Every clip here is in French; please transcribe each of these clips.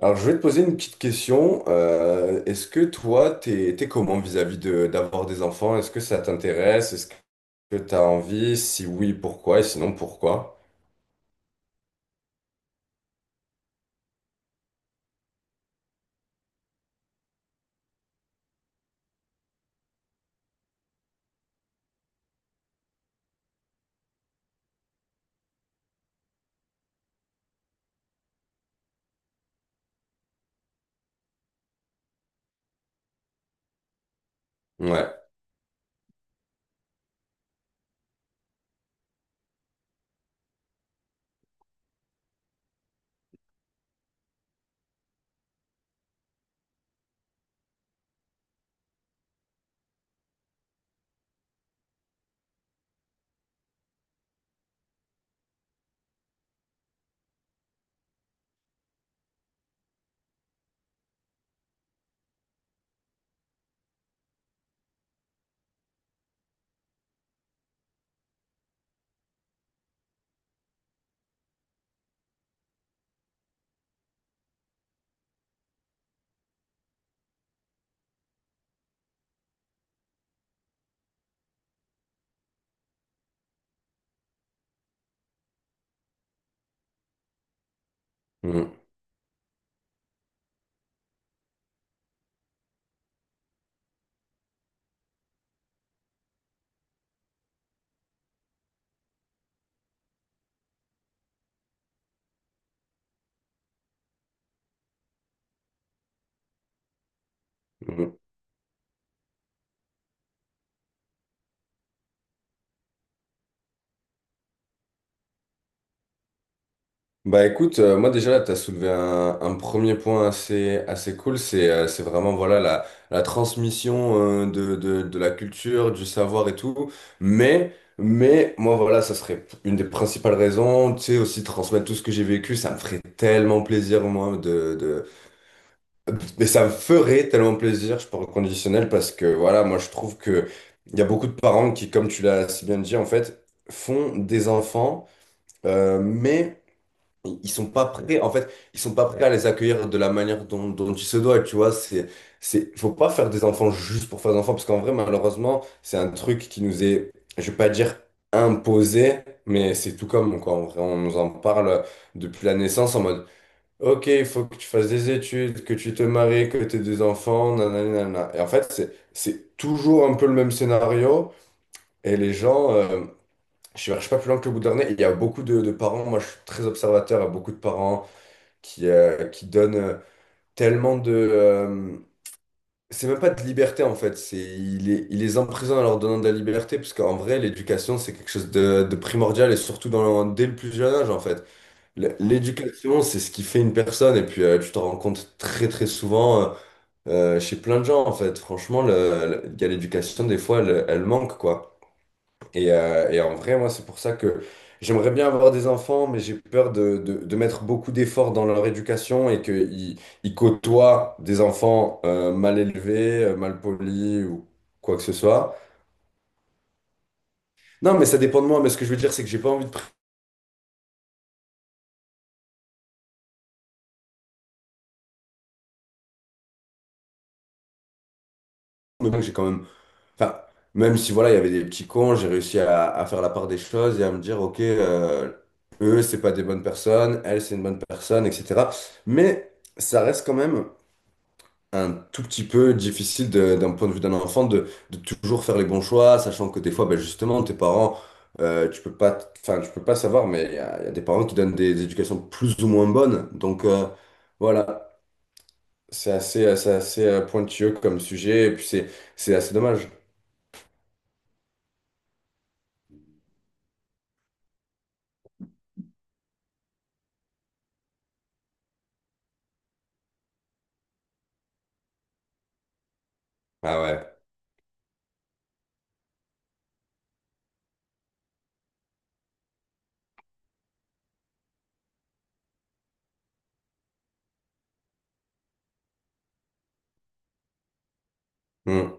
Alors, je vais te poser une petite question. Est-ce que toi, t'es comment vis-à-vis d'avoir des enfants? Est-ce que ça t'intéresse? Est-ce que t'as envie? Si oui, pourquoi? Et sinon, pourquoi? Ouais. Mhm. Mhm. Bah écoute, moi déjà là, tu as soulevé un premier point assez, assez cool, c'est vraiment voilà la transmission de la culture, du savoir et tout. Mais moi voilà, ça serait une des principales raisons, tu sais, aussi transmettre tout ce que j'ai vécu, ça me ferait tellement plaisir moi de... Mais ça me ferait tellement plaisir, je parle au conditionnel, parce que voilà, moi je trouve que il y a beaucoup de parents qui, comme tu l'as si bien dit, en fait, font des enfants, mais ils sont pas prêts en fait, ils sont pas prêts à les accueillir de la manière dont, dont il se doit, tu vois. C'est faut pas faire des enfants juste pour faire des enfants, parce qu'en vrai malheureusement c'est un truc qui nous est, je vais pas dire imposé, mais c'est tout comme. Quoi, en vrai on nous en parle depuis la naissance, en mode ok il faut que tu fasses des études, que tu te maries, que tu aies des enfants, nanana nanana. Et en fait c'est toujours un peu le même scénario. Et les gens je cherche pas plus loin que le bout de leur nez. Il y a beaucoup de parents, moi je suis très observateur, il y a beaucoup de parents qui donne tellement de... c'est même pas de liberté en fait, c'est, il les emprisonne en leur donnant de la liberté, parce qu'en vrai, l'éducation, c'est quelque chose de primordial, et surtout dans, dès le plus jeune âge en fait. L'éducation, c'est ce qui fait une personne, et puis tu t'en rends compte très très souvent chez plein de gens en fait. Franchement, il y a l'éducation, des fois, elle, elle manque quoi. Et en vrai, moi, c'est pour ça que j'aimerais bien avoir des enfants, mais j'ai peur de mettre beaucoup d'efforts dans leur éducation et qu'ils ils côtoient des enfants mal élevés, mal polis ou quoi que ce soit. Non, mais ça dépend de moi. Mais ce que je veux dire, c'est que j'ai pas envie de prendre. Le j'ai quand même. Enfin, même si voilà, il y avait des petits cons, j'ai réussi à faire la part des choses et à me dire, ok, eux, c'est pas des bonnes personnes, elle, c'est une bonne personne, etc. Mais ça reste quand même. Un tout petit peu difficile de- d'un point de vue d'un enfant de toujours faire les bons choix, sachant que des fois, ben justement, tes parents, tu peux pas, enfin, tu peux pas savoir, mais il y a des parents qui donnent des éducations plus ou moins bonnes. Donc voilà, c'est assez pointilleux comme sujet, et puis c'est assez dommage. Ah ouais. Hmm.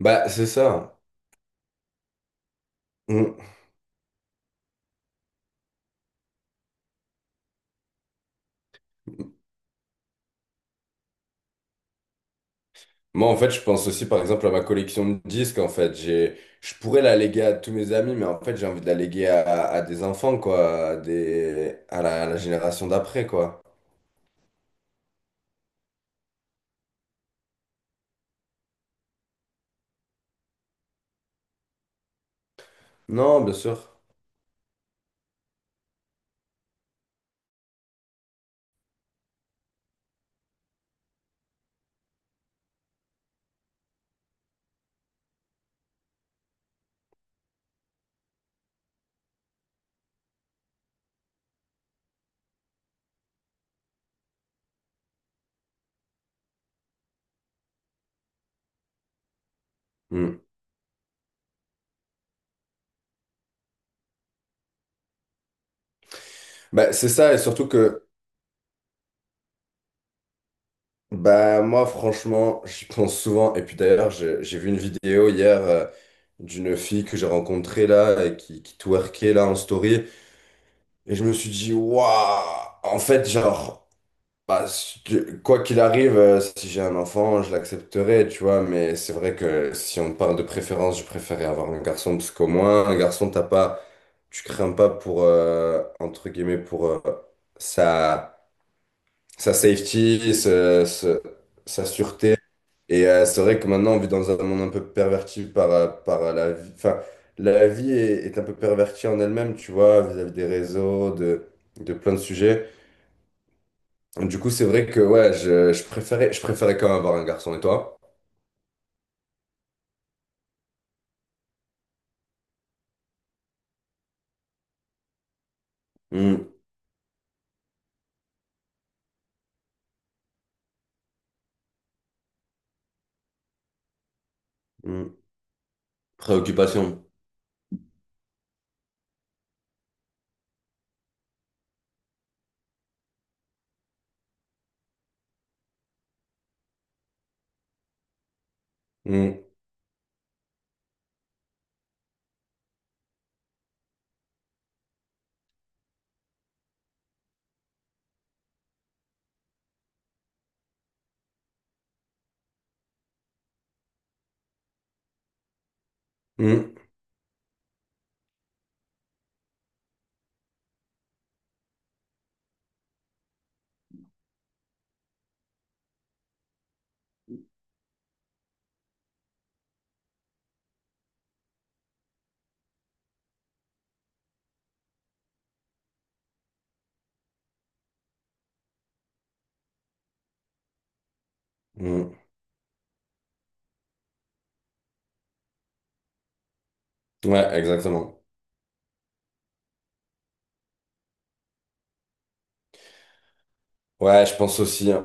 Bah c'est ça. Mmh. Moi, en fait, je pense aussi, par exemple, à ma collection de disques. En fait, j'ai, je pourrais la léguer à tous mes amis, mais en fait, j'ai envie de la léguer à des enfants, quoi, à des, à la génération d'après, quoi. Non, bien sûr. Hmm. Bah, c'est ça, et surtout que, bah, moi, franchement, j'y pense souvent. Et puis d'ailleurs, j'ai vu une vidéo hier d'une fille que j'ai rencontrée là, et qui twerkait là en story. Et je me suis dit, waouh, en fait, genre. Bah, si tu- quoi qu'il arrive, si j'ai un enfant, je l'accepterai, tu vois, mais c'est vrai que si on parle de préférence, je préférais avoir un garçon, parce qu'au moins, un garçon, t'as pas, tu crains pas pour, entre guillemets, pour sa, sa safety, sa sûreté. Et c'est vrai que maintenant, on vit dans un monde un peu perverti par, par la vie, enfin, la vie est, est un peu pervertie en elle-même, tu vois, vis-à-vis des réseaux, de plein de sujets. Du coup, c'est vrai que ouais, je préférais quand même avoir un garçon. Et toi? Hmm, hmm. Préoccupation. Hmm, hmm, hmm. Ouais, exactement. Ouais, je pense aussi, hein.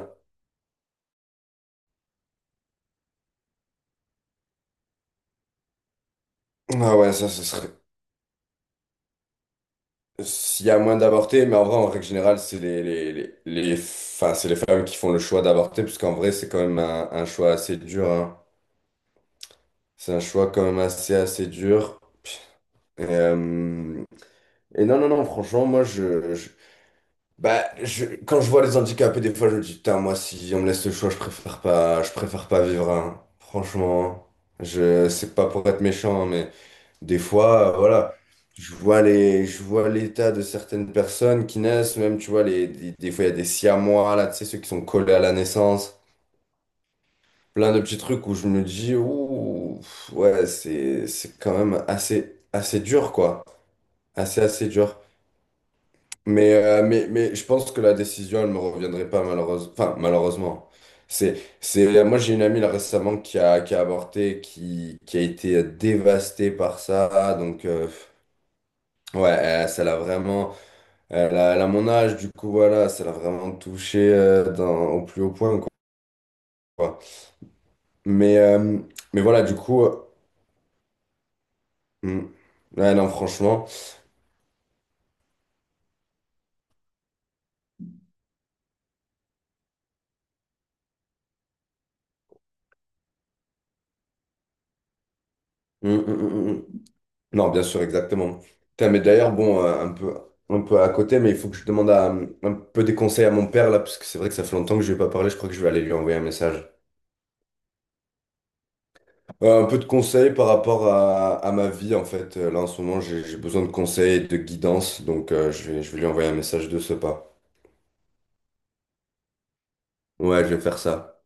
Ah ouais, ça, ce serait. S'il y a moins d'avortés, mais en vrai, en règle générale, c'est les- enfin, c'est les femmes qui font le choix d'avorter, parce qu'en vrai, c'est quand même un choix assez dur, hein. C'est un choix quand même assez, assez dur. Et, euh, et non, non, non, franchement, moi, je, bah, je- quand je vois les handicapés, des fois, je me dis, putain, moi, si on me laisse le choix, je préfère pas vivre, hein. Franchement, je, c'est pas pour être méchant, hein, mais des fois, voilà, je vois les, je vois l'état de certaines personnes qui naissent, même, tu vois, les, des fois, il y a des siamois, là, tu sais, ceux qui sont collés à la naissance, plein de petits trucs où je me dis, ouh, ouais, c'est quand même assez, assez dur, quoi. Assez, assez dur. Mais je pense que la décision, elle me reviendrait pas malheureusement. Enfin, malheureusement. C'est... Moi, j'ai une amie là, récemment qui a avorté, qui a été dévastée par ça. Donc, ouais, elle- ça l'a vraiment... Elle a, elle a mon âge, du coup, voilà, ça l'a vraiment touché dans- au plus haut point, quoi. Mais, euh, mais voilà, du coup... hmm. Ouais, non, franchement. Hmm, hmm, hmm, hmm. Non, bien sûr, exactement. Putain, mais d'ailleurs, bon, un peu à côté, mais il faut que je demande à- un peu des conseils à mon père, là, parce que c'est vrai que ça fait longtemps que je lui ai pas parlé, je crois que je vais aller lui envoyer un message. Un peu de conseils par rapport à ma vie, en fait. Là, en ce moment, j'ai besoin de conseils, et de guidance, donc je vais lui envoyer un message de ce pas. Ouais, je vais faire ça.